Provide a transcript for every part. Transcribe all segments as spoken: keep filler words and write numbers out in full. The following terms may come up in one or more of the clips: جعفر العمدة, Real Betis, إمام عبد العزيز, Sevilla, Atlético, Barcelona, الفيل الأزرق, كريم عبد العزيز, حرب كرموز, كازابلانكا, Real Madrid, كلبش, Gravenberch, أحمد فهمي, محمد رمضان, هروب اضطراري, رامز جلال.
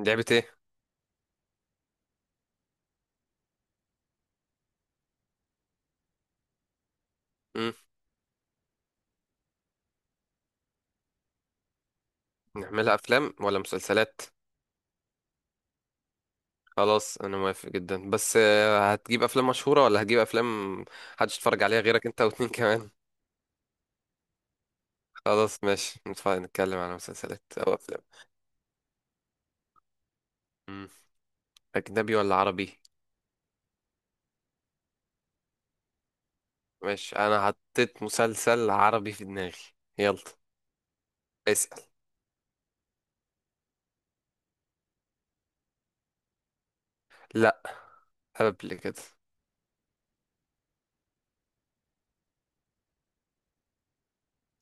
لعبة ايه؟ مم. نعملها افلام ولا مسلسلات؟ خلاص انا موافق جدا بس آه، هتجيب افلام مشهورة ولا هتجيب افلام محدش يتفرج عليها غيرك انت واتنين كمان؟ خلاص ماشي نتف- نتكلم على مسلسلات او افلام. مم. اجنبي ولا عربي؟ ماشي، انا حطيت مسلسل عربي في دماغي. يلا اسأل. لا، قبل كده.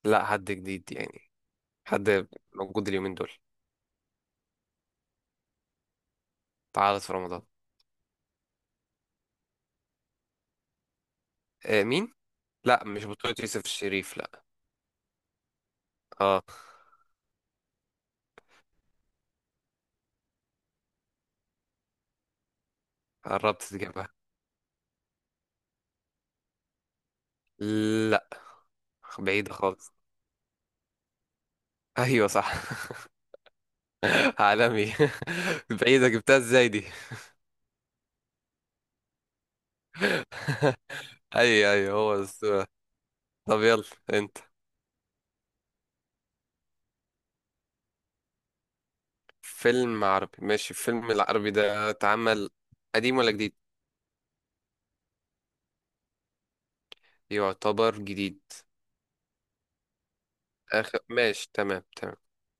لا، حد جديد يعني، حد موجود اليومين دول. تعرض في رمضان. آه مين؟ لا مش بطولة يوسف الشريف، لا. اه، قربت تجيبها. لا، بعيدة خالص. ايوه صح. عالمي. بعيدة، جبتها ازاي دي؟ ايوه ايوه، هو السؤال. طب يلا انت. فيلم عربي ماشي، الفيلم العربي ده اتعمل قديم ولا جديد؟ يعتبر جديد. اخر ماشي، تمام تمام.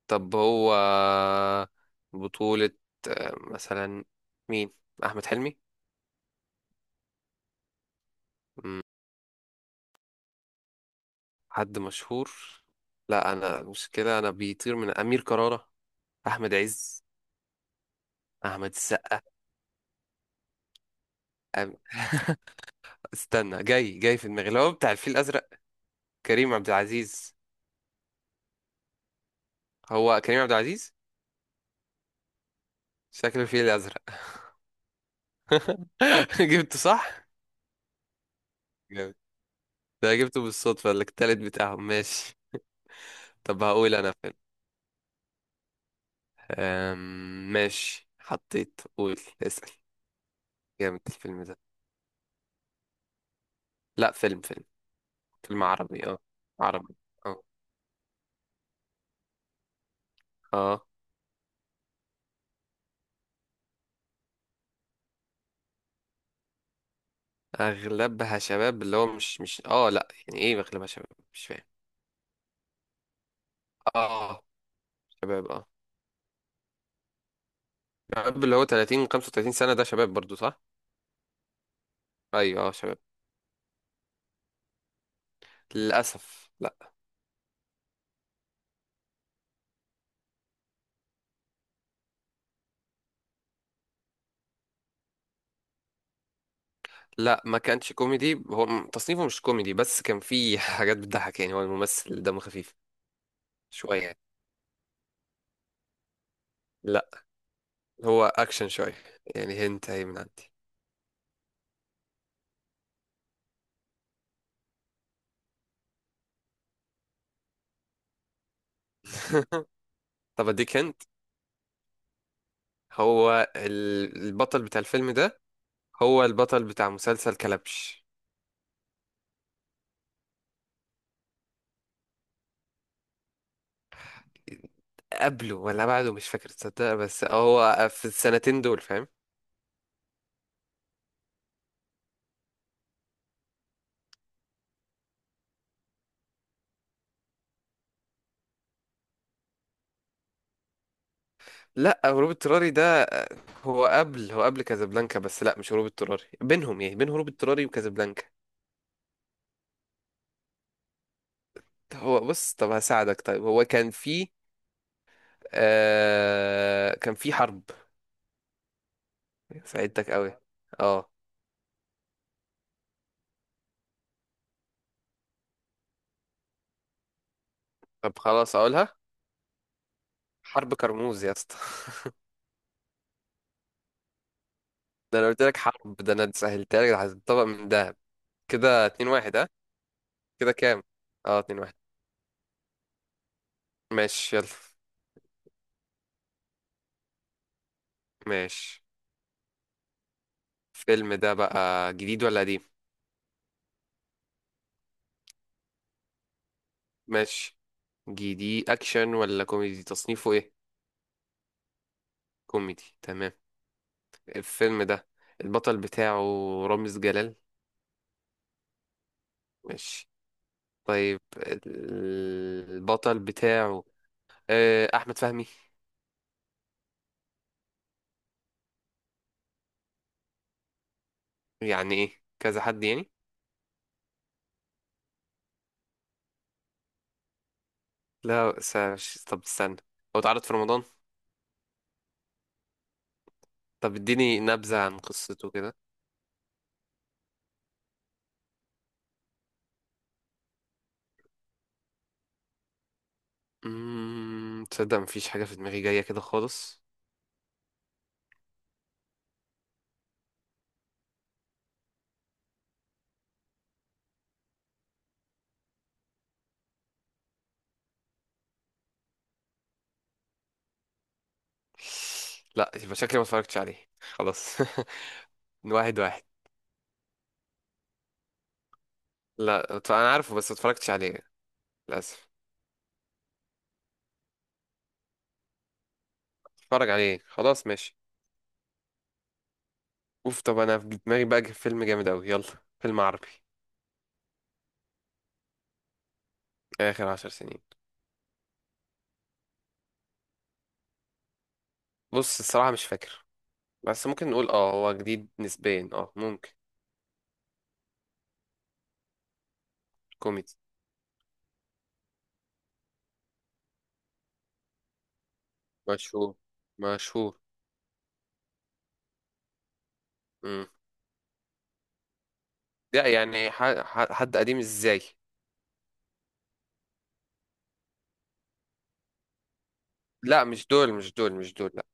طب هو بطولة آه، مثلا مين؟ احمد حلمي؟ مم، حد مشهور. لا انا مشكلة، انا بيطير من امير كرارة. احمد عز؟ احمد السقا؟ أم... استنى، جاي جاي في دماغي اللي هو بتاع الفيل الازرق. كريم عبد العزيز. هو كريم عبد العزيز، شكله الفيل الازرق. جبته صح. جامد. ده جبته بالصدفه، التالت بتاعهم. ماشي، طب هقول انا فيلم. أم... ماشي حطيت، قول اسال. جامد الفيلم ده. لا، فيلم فيلم. فيلم عربي، اه. عربي، اه. اه، اغلبها شباب اللي هو مش مش اه لا، يعني ايه اغلبها شباب؟ مش فاهم. اه، شباب. اه شباب اللي هو تلاتين خمسة وتلاتين سنه، ده شباب برضو، صح؟ ايوه، اه شباب. للأسف لا. لا، ما كانتش كوميدي، هو م- تصنيفه مش كوميدي، بس كان فيه حاجات بتضحك يعني، هو الممثل دمه خفيف شوية يعني. لا، هو أكشن شوية يعني، هنت أهي من عندي. طب أديك هنت. هو ال- البطل بتاع الفيلم ده هو البطل بتاع مسلسل كلبش. قبله ولا بعده مش فاكر تصدق، بس هو في السنتين دول، فاهم؟ لا، هروب اضطراري ده هو قبل هو قبل كازابلانكا، بس لا، مش هروب اضطراري، بينهم يعني، بين هروب اضطراري وكازابلانكا. هو بص، طب هساعدك، طيب هو كان في آه كان في حرب. ساعدتك قوي. اه. طب خلاص اقولها، حرب كرموز يا اسطى. ده انا قلت لك حرب، ده انا سهلتها لك، ده هتطبق من دهب. كده اتنين واحد، ها كده كام؟ اه، اتنين واحد. ماشي يلا. ماشي، الفيلم ده بقى جديد ولا قديم؟ ماشي. جديد اكشن ولا كوميدي، تصنيفه ايه؟ كوميدي، تمام. الفيلم ده البطل بتاعه رامز جلال؟ ماشي، طيب البطل بتاعه آه، أحمد فهمي؟ يعني إيه كذا حد يعني؟ لا ساش... طب استنى، هو اتعرض في رمضان؟ طب اديني نبذة عن قصته كده. أمم، تصدق مفيش حاجة في دماغي جاية كده خالص. لا، يبقى شكلي ما اتفرجتش عليه، خلاص. واحد واحد. لا اتف- أنا عارفه بس ما اتفرجتش عليه. للأسف. اتفرج عليه، خلاص، ماشي. اوف، طب أنا في دماغي بقى فيلم جامد أوي. يلا، فيلم عربي آخر عشر سنين. بص، الصراحة مش فاكر، بس ممكن نقول اه هو جديد نسبيا، اه ممكن. كوميدي. مشهور مشهور. امم لا يعني ح... ح... حد قديم ازاي؟ لا، مش دول مش دول مش دول، لا.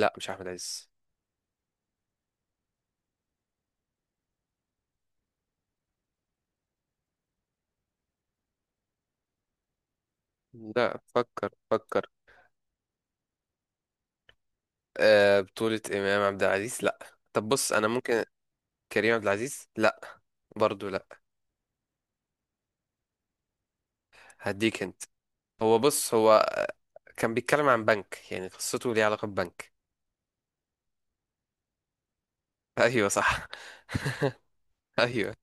لا مش احمد عز. لا، فكر فكر. آه، بطولة امام عبد العزيز لا. طب بص انا ممكن. كريم عبد العزيز لا. برضو لا. هديك انت. هو بص هو كان بيتكلم عن بنك، يعني قصته ليها علاقة ببنك. ايوه صح. ايوه.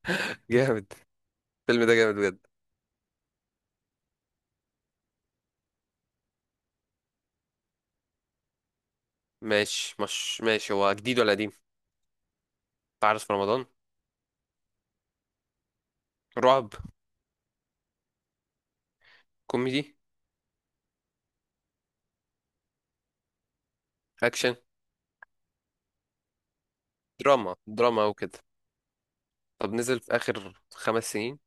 جامد، الفيلم ده جامد بجد. ماشي، مش ماشي، هو جديد ولا قديم؟ تعرف في رمضان. رعب. كوميدي. اكشن. دراما دراما وكده. طب نزل في اخر خمس سنين؟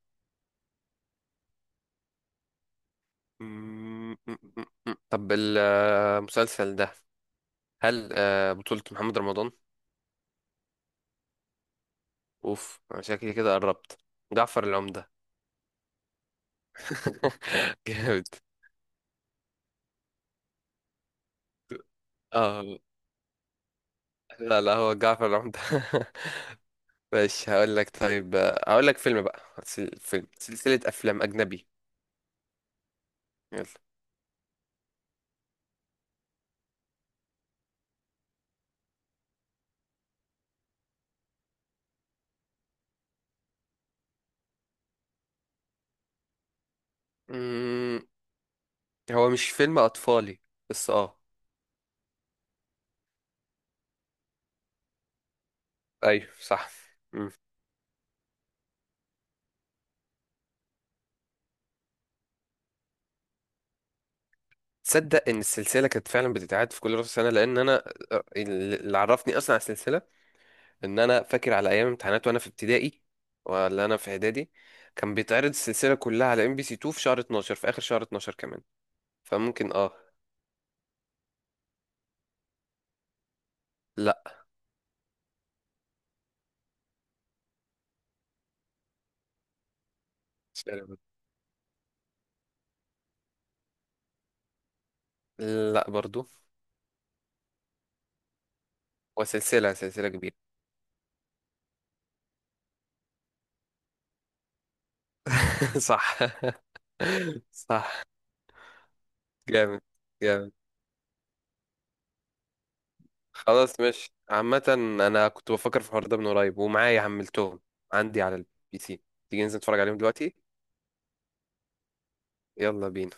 مم، مم، مم، مم. طب المسلسل ده هل آه، بطولة محمد رمضان؟ اوف، انا شكلي كده قربت، جعفر العمدة. جامد. اه لا لا، هو جعفر العمدة. ماشي هقول لك، طيب آه، هقول لك فيلم بقى سل- فيلم سلسلة افلام اجنبي. يلا، هو مش فيلم اطفالي بس اه. ايوه صح. مم. تصدق ان السلسله كانت فعلا بتتعاد في كل راس سنه، لان انا اللي عرفني اصلا على السلسله ان انا فاكر على ايام امتحانات وانا في ابتدائي ولا انا في اعدادي كان بيتعرض السلسله كلها على ام بي سي اتنين في شهر اتناشر، في اخر شهر اثنا عشر كمان. فممكن اه. لا، سلام. لا، برضو. وسلسله سلسله كبيره. صح. صح. جامد جامد. خلاص مش عامة، انا كنت بفكر في الحوار ده من قريب ومعايا حملتهم عندي على البي سي. تيجي ننزل نتفرج عليهم دلوقتي؟ يلا بينا.